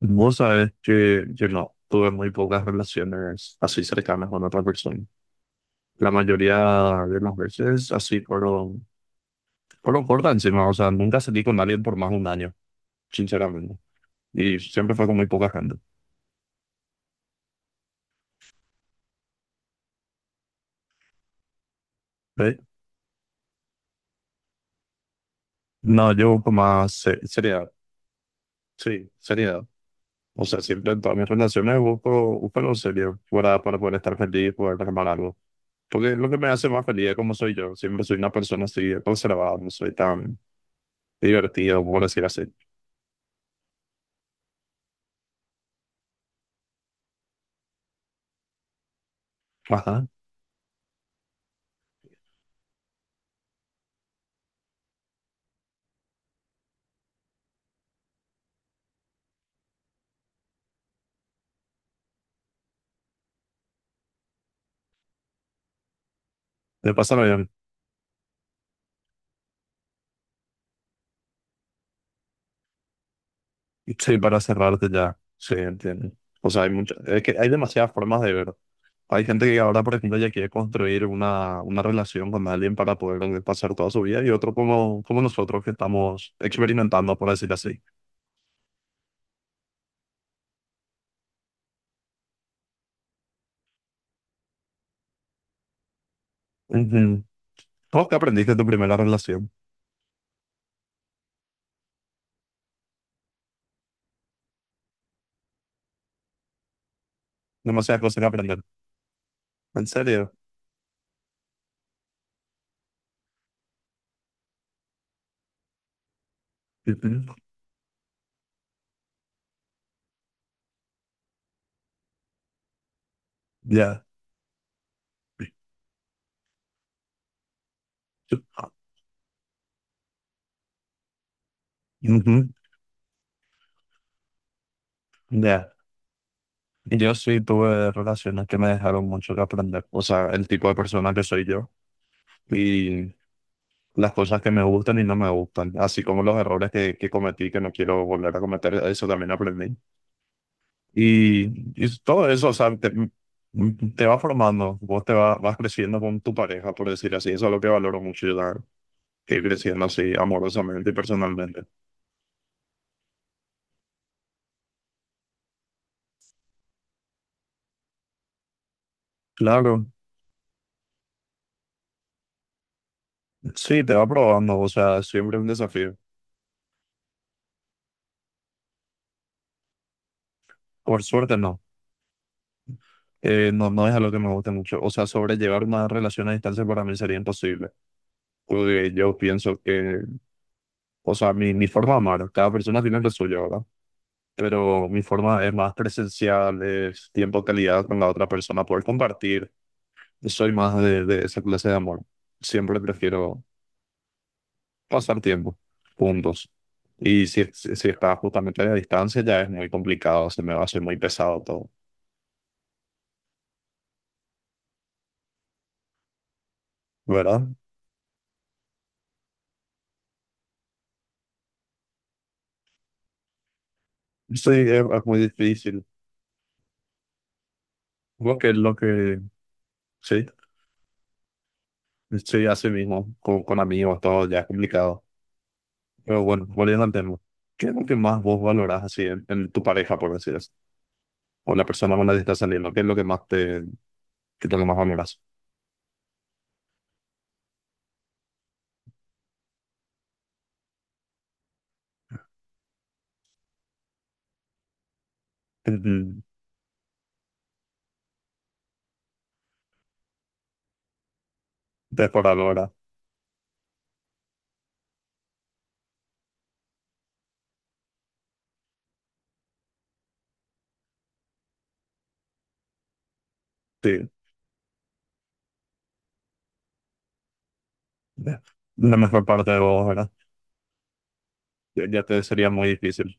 Vos sabés que yo no tuve muy pocas relaciones así cercanas con otra persona. La mayoría de las veces así fueron por encima, o sea, nunca salí con alguien por más de un año, sinceramente. Y siempre fue con muy poca gente. ¿Eh? No, yo con más seriedad, sí, seriedad. O sea, siempre en todas mis relaciones busco lo serio para poder estar feliz, poder armar algo. Porque lo que me hace más feliz es como soy yo. Siempre soy una persona así, conservada, no soy tan divertido, por decir así. Ajá. De pasarlo bien. Sí, para cerrarte ya. Sí, entiendo. O sea, hay es que hay demasiadas formas de ver. Hay gente que ahora, por ejemplo, ya quiere construir una relación con alguien para poder pasar toda su vida y otro como nosotros que estamos experimentando, por decir así. Ujú. ¿Cómo que aprendiste de tu primera relación? Demasiadas cosas que aprender. ¿En serio? Ujú. Ya. Ujú. Ya. Y yo sí tuve relaciones que me dejaron mucho que aprender. O sea, el tipo de persona que soy yo. Y las cosas que me gustan y no me gustan, así como los errores que cometí, que no quiero volver a cometer, eso también aprendí. Y, y todo eso, o sea, te va formando, vos te va- vas creciendo con tu pareja, por decir así, eso es lo que valoro mucho, yo que ir creciendo así amorosamente y personalmente. Claro, sí, te va probando, o sea, siempre un desafío. Por suerte no, no, no es algo que me guste mucho, o sea, sobrellevar una relación a distancia para mí sería imposible. Porque yo pienso que, o sea, mi forma de amar, cada persona tiene lo suyo, ¿verdad? Pero mi forma es más presencial, es tiempo de calidad con la otra persona, poder compartir. Soy más de esa clase de amor. Siempre prefiero pasar tiempo juntos. Y si está justamente a la distancia, ya es muy complicado, se me va a hacer muy pesado todo, ¿verdad? Sí, es muy difícil. Creo que es lo que, sí, sí, así mismo, con amigos, todo ya es complicado. Pero bueno, volviendo al tema, ¿qué es lo que más vos valorás así en tu pareja, por decir así? O la persona con la que estás saliendo, ¿qué es lo que más te, qué es lo que más valorás? Mm. De por ahora, sí. de- La mejor parte de vos, ¿verdad? Ya ya te sería muy difícil.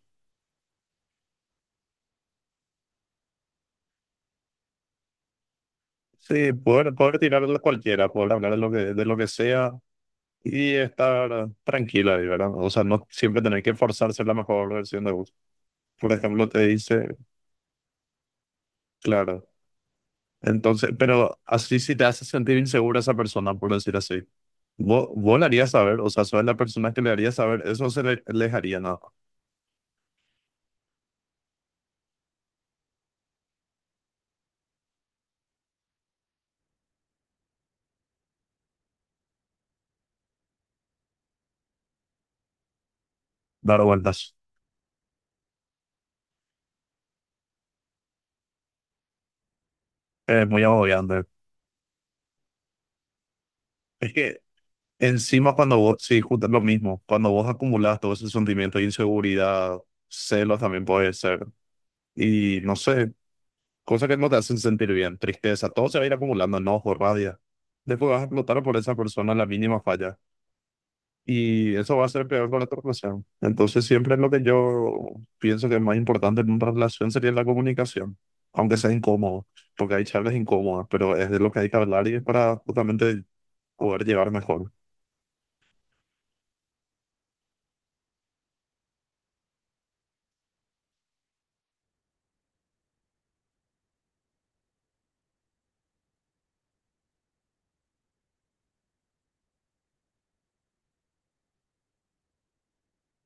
Sí, poder, poder tirar de cualquiera, poder hablar de lo que sea y estar tranquila, ahí, ¿verdad? O sea, no siempre tener que forzarse la mejor versión de vos. Por ejemplo, te dice, claro. Entonces, pero así si te hace sentir insegura esa persona, por decir así. Vos le harías saber, o sea, sos la persona que le haría saber, eso se le haría nada, dar vueltas. Es muy agobiante. Es que encima cuando vos, sí, justo es lo mismo, cuando vos acumulás todo ese sentimiento de inseguridad, celos también puede ser, y no sé, cosas que no te hacen sentir bien, tristeza, todo se va a ir acumulando, enojo, rabia. Después vas a explotar por esa persona la mínima falla. Y eso va a ser peor con la otra relación. Entonces, siempre lo que yo pienso que es más importante en una relación sería la comunicación, aunque sea incómodo, porque hay charlas incómodas, pero es de lo que hay que hablar y es para justamente poder llevar mejor.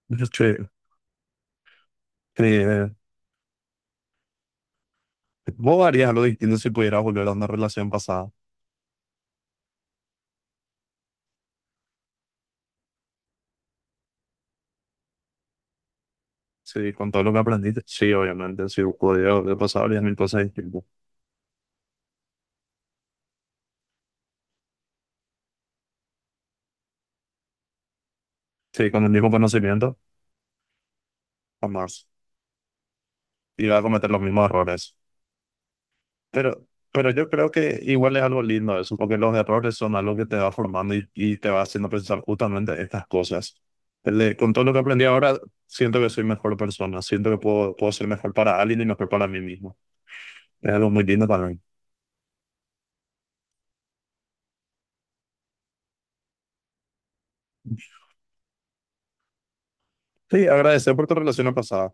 Yo che, eh, ¿vos harías algo distinto si pudieras volver a una relación pasada? Sí, con todo lo que aprendiste. Sí, obviamente, si pudiera volver al pasado, harías mil cosas distintas. Sí, con el mismo conocimiento, jamás. Iba a cometer los mismos errores. Pero, pero yo creo que igual es algo lindo eso, porque los errores son algo que te va formando y te va haciendo pensar justamente estas cosas. Con todo lo que aprendí ahora, siento que soy mejor persona, siento que puedo ser mejor para alguien y mejor para mí mismo. Es algo muy lindo también. Sí, agradecer por tu relación pasada.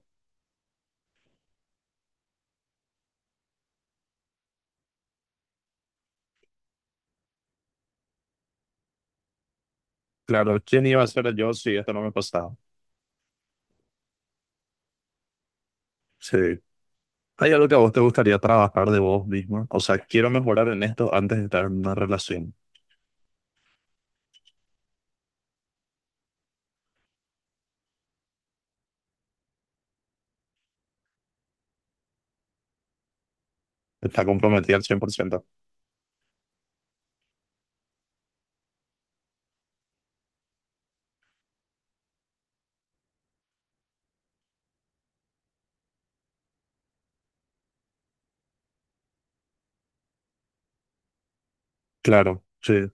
Claro, ¿quién iba a ser yo si esto no me pasaba? Sí. ¿Hay algo que a vos te gustaría trabajar de vos mismo? O sea, quiero mejorar en esto antes de estar en una relación. Está comprometida al 100%. Claro, sí.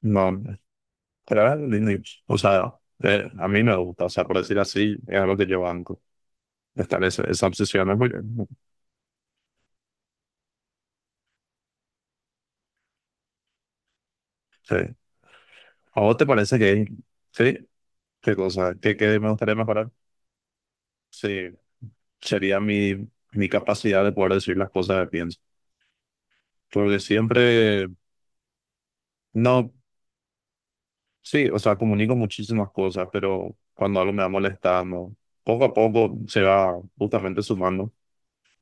No. Pero era lindo. O sea, a mí me gusta, o sea, por decir así, es algo que yo banco. Estar esa obsesión es muy bien. Sí. ¿A vos te parece que sí? ¿Qué cosa? ¿Qué me gustaría mejorar? Sí, sería mi capacidad de poder decir las cosas que pienso. Porque siempre, no, sí, o sea, comunico muchísimas cosas, pero cuando algo me va molestando, poco a poco se va justamente sumando.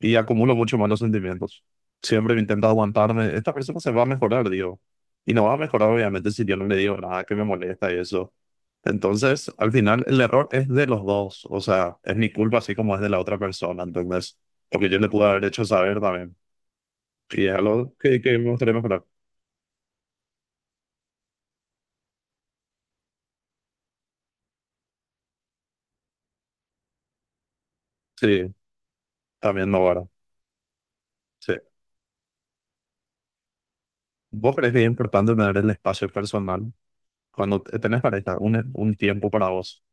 Y acumulo mucho malos sentimientos. Siempre me intento aguantarme. Esta persona se va a mejorar, digo. Y no va a mejorar, obviamente, si yo no le digo nada que me molesta y eso. Entonces, al final, el error es de los dos. O sea, es mi culpa, así como es de la otra persona. Entonces, porque yo le pude haber hecho saber también. Y es algo que me gustaría mejorar. Sí, también no ahora. Sí. ¿Vos crees que es importante tener el espacio personal cuando tenés pareja? Un tiempo para vos.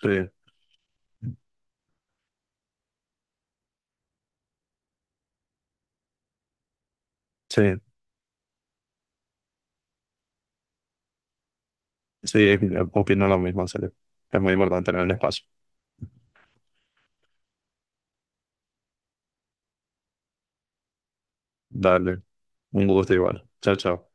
Sí, sí. Sí, opino lo mismo, en serio. Es muy importante tener el espacio. Dale. Un gusto igual. Chao, chao.